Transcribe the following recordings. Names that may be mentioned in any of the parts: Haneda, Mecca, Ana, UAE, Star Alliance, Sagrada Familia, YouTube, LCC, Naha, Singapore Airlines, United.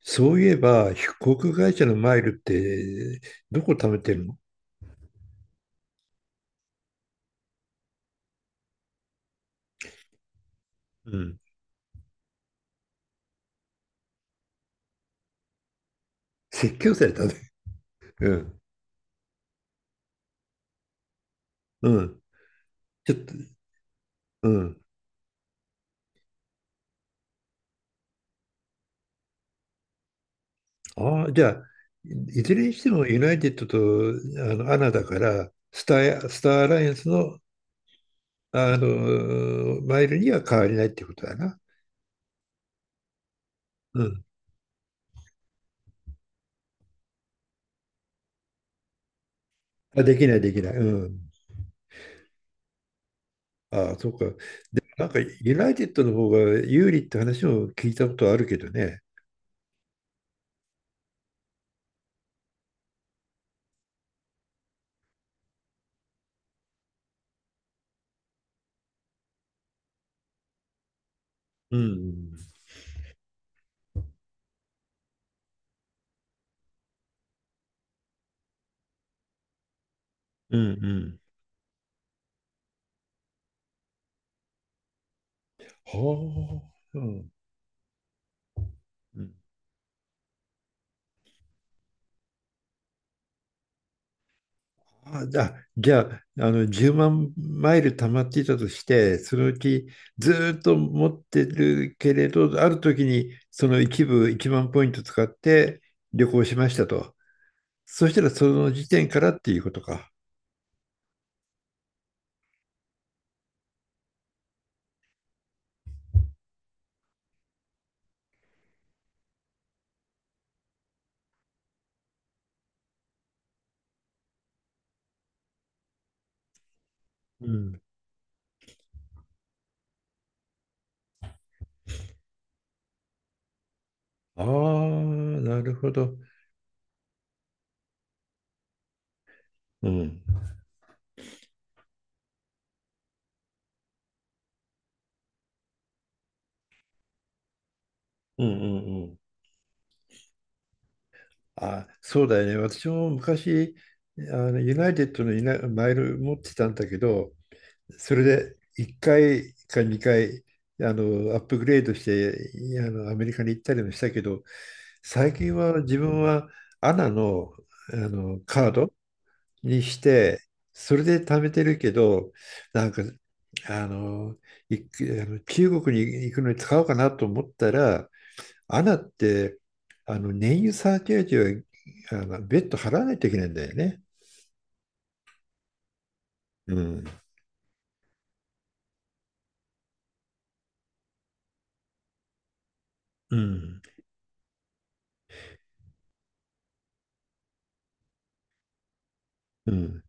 そういえば、飛行会社のマイルって、どこ貯めてるの？うん。説教されたね。うん。うん。ちょっと、うん。ああ、じゃあ、いいずれにしてもユナイテッドとアナだから、スターアライアンスの、マイルには変わりないってことだな。うん。あ、できない、できない。うん。ああ、そうか。なんか、ユナイテッドの方が有利って話も聞いたことあるけどね。うん。うんうん。はあ。うん。うん、あ、じゃあ、じゃあ、10万マイル溜まっていたとして、そのうちずーっと持ってるけれど、ある時にその一部1万ポイント使って旅行しましたと。そしたらその時点からっていうことか。うん。ああ、なるほど。うん。うんうんうん。あ、そうだよね。私も昔、あユナイテッドのユナマイル持ってたんだけど、それで1回か2回アップグレードしてアメリカに行ったりもしたけど、最近は自分はアナの、カードにしてそれで貯めてるけど、なんかあのいあの中国に行くのに使おうかなと思ったら、アナって燃油サーチャージは別途払わないといけないんだよね。うんうんうん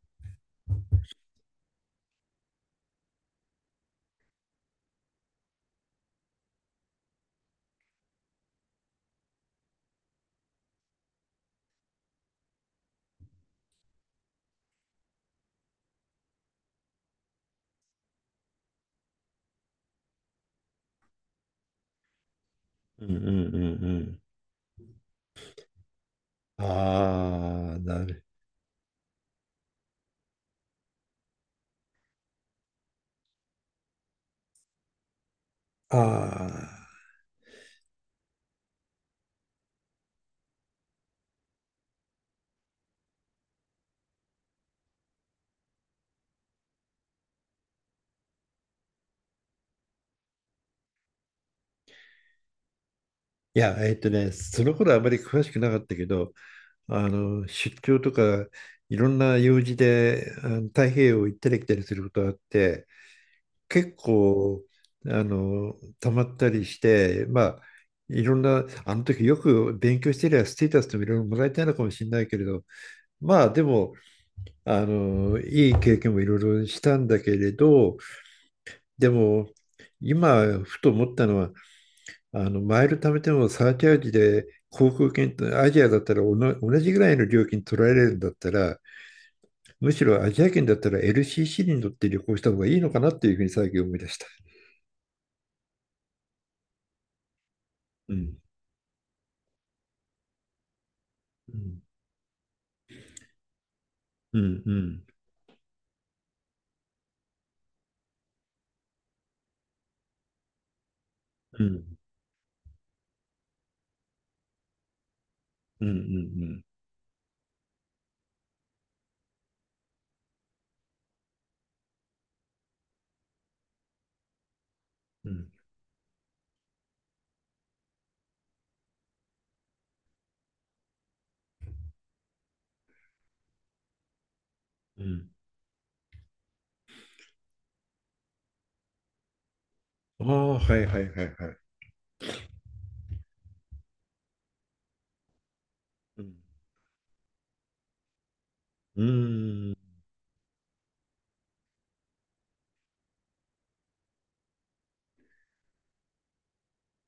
うんうんうんうん。ああ、なる。ああ。いや、その頃はあまり詳しくなかったけど、出張とか、いろんな用事で、太平洋行ったり来たりすることがあって、結構、あの、溜まったりして、まあ、いろんな、あの時よく勉強してりゃ、ステータスともいろいろもらえたのかもしれないけれど、まあ、でも、いい経験もいろいろしたんだけれど、でも、今、ふと思ったのは、マイル貯めてもサーチャージで航空券と、アジアだったら同じぐらいの料金取られるんだったら、むしろアジア圏だったら LCC に乗って旅行した方がいいのかなっていうふうに最近思い出した。うん。うん。うん。うん。うん。うん。うん。うん。ああ、はいはいはいはい。うん。うん。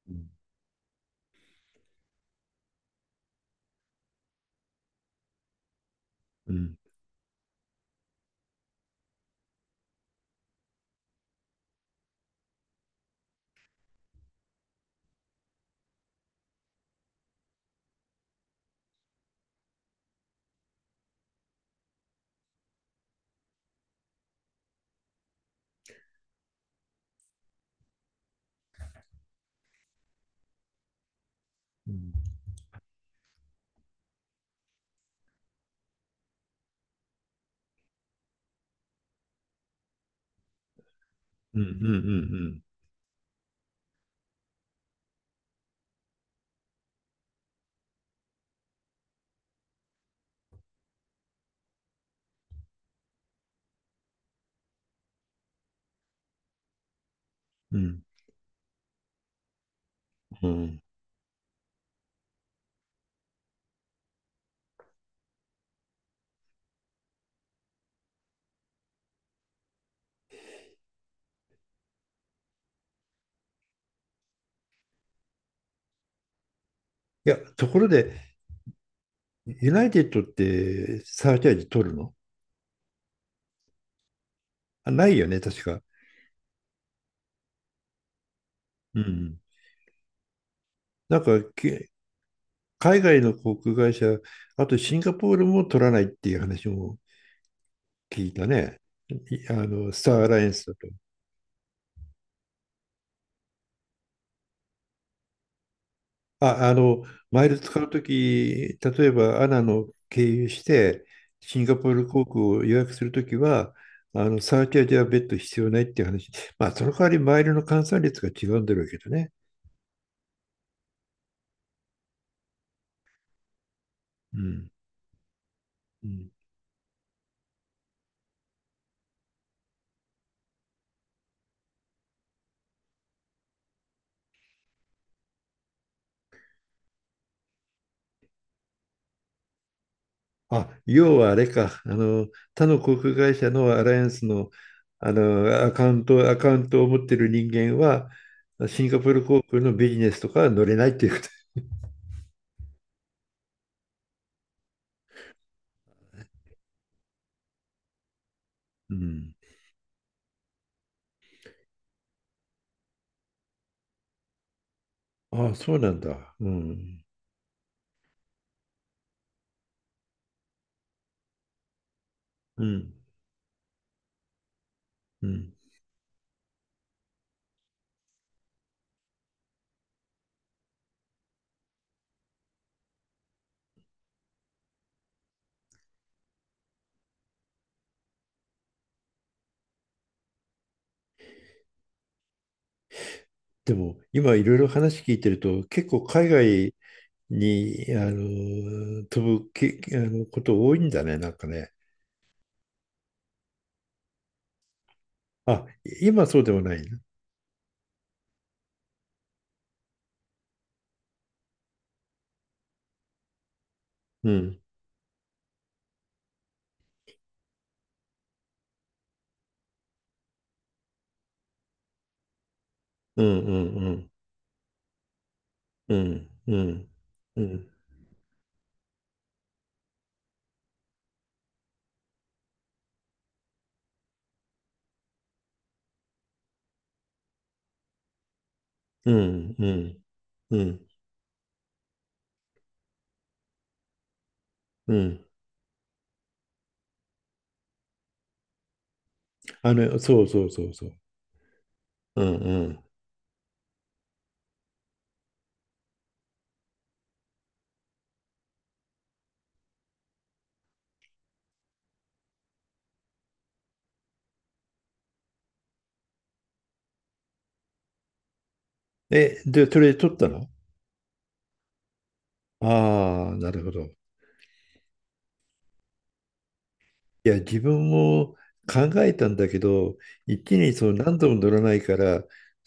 うん。うん。うん。うん。うん。うん。うん。いや、ところで、ユナイテッドってサーチャージ取るの？あ、ないよね、確か。うん。なんか、海外の航空会社、あとシンガポールも取らないっていう話も聞いたね。いあの、スターアライアンスだと。あ、マイル使うとき、例えばアナの経由して、シンガポール航空を予約するときは、サーチャージは別途必要ないっていう話。まあ、その代わりマイルの換算率が違うんだろうけどね。うん。うん、あ、要はあれか、他の航空会社のアライアンスの、アカウントを持ってる人間は、シンガポール航空のビジネスとかは乗れないっていうこと。うん。ああ、そうなんだ。うん。うん。うん。でも、今いろいろ話聞いてると、結構海外に、あの、飛ぶけ、あの、こと多いんだね、なんかね。あ、今そうでもないな。うん。うんうんうん。うん。うん。うん。うん。うん。うん。うん。そうそうそうそう。うんうん。え、で、それ取ったの？ああー、なるほど。いや、自分も考えたんだけど、一気にその何度も乗らないから、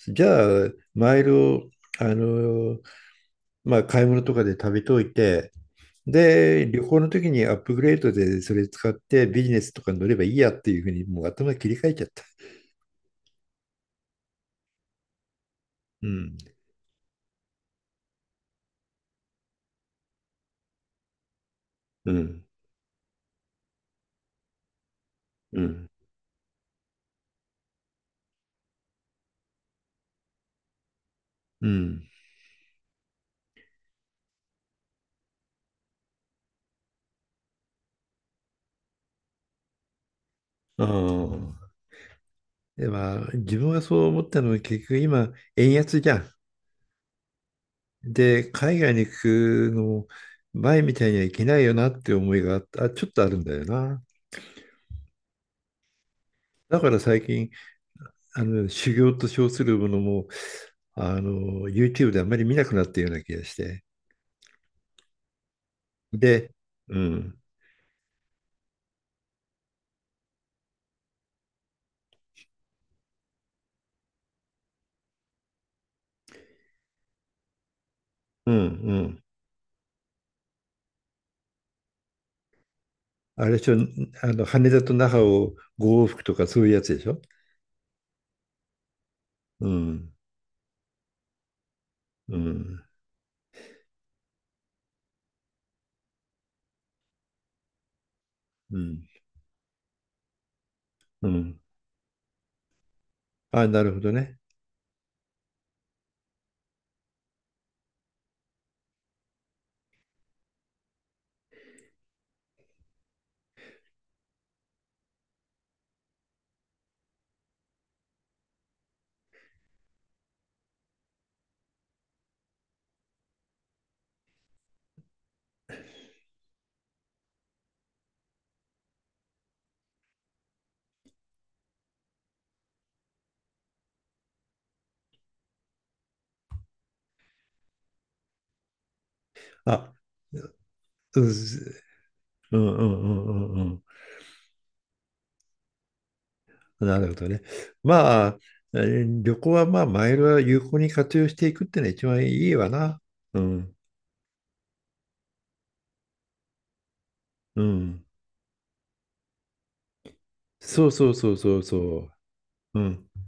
じゃあ、マイルを、あの、まあ、買い物とかで食べといて、で、旅行の時にアップグレードでそれ使ってビジネスとかに乗ればいいやっていうふうにもう頭切り替えちゃった。うん。うん。うん。うん。ああ。で、まあ、自分がそう思ったのは結局今、円安じゃん。で、海外に行くのも前みたいにはいけないよなって思いがあった、ちょっとあるんだよな。だから最近、修行と称するものも、YouTube であんまり見なくなったような気がして。で、うん、うん、うん。あれでしょ、羽田と那覇を5往復とかそういうやつでしょ。うん、うん、うん、うん。あ、なるほどね。あ、うんうんうんうんうんうん。なるほどね。まあ、旅行はまあ、マイルは有効に活用していくってのは一番いいわな。うん。うん。そうそうそうそうそう。うん。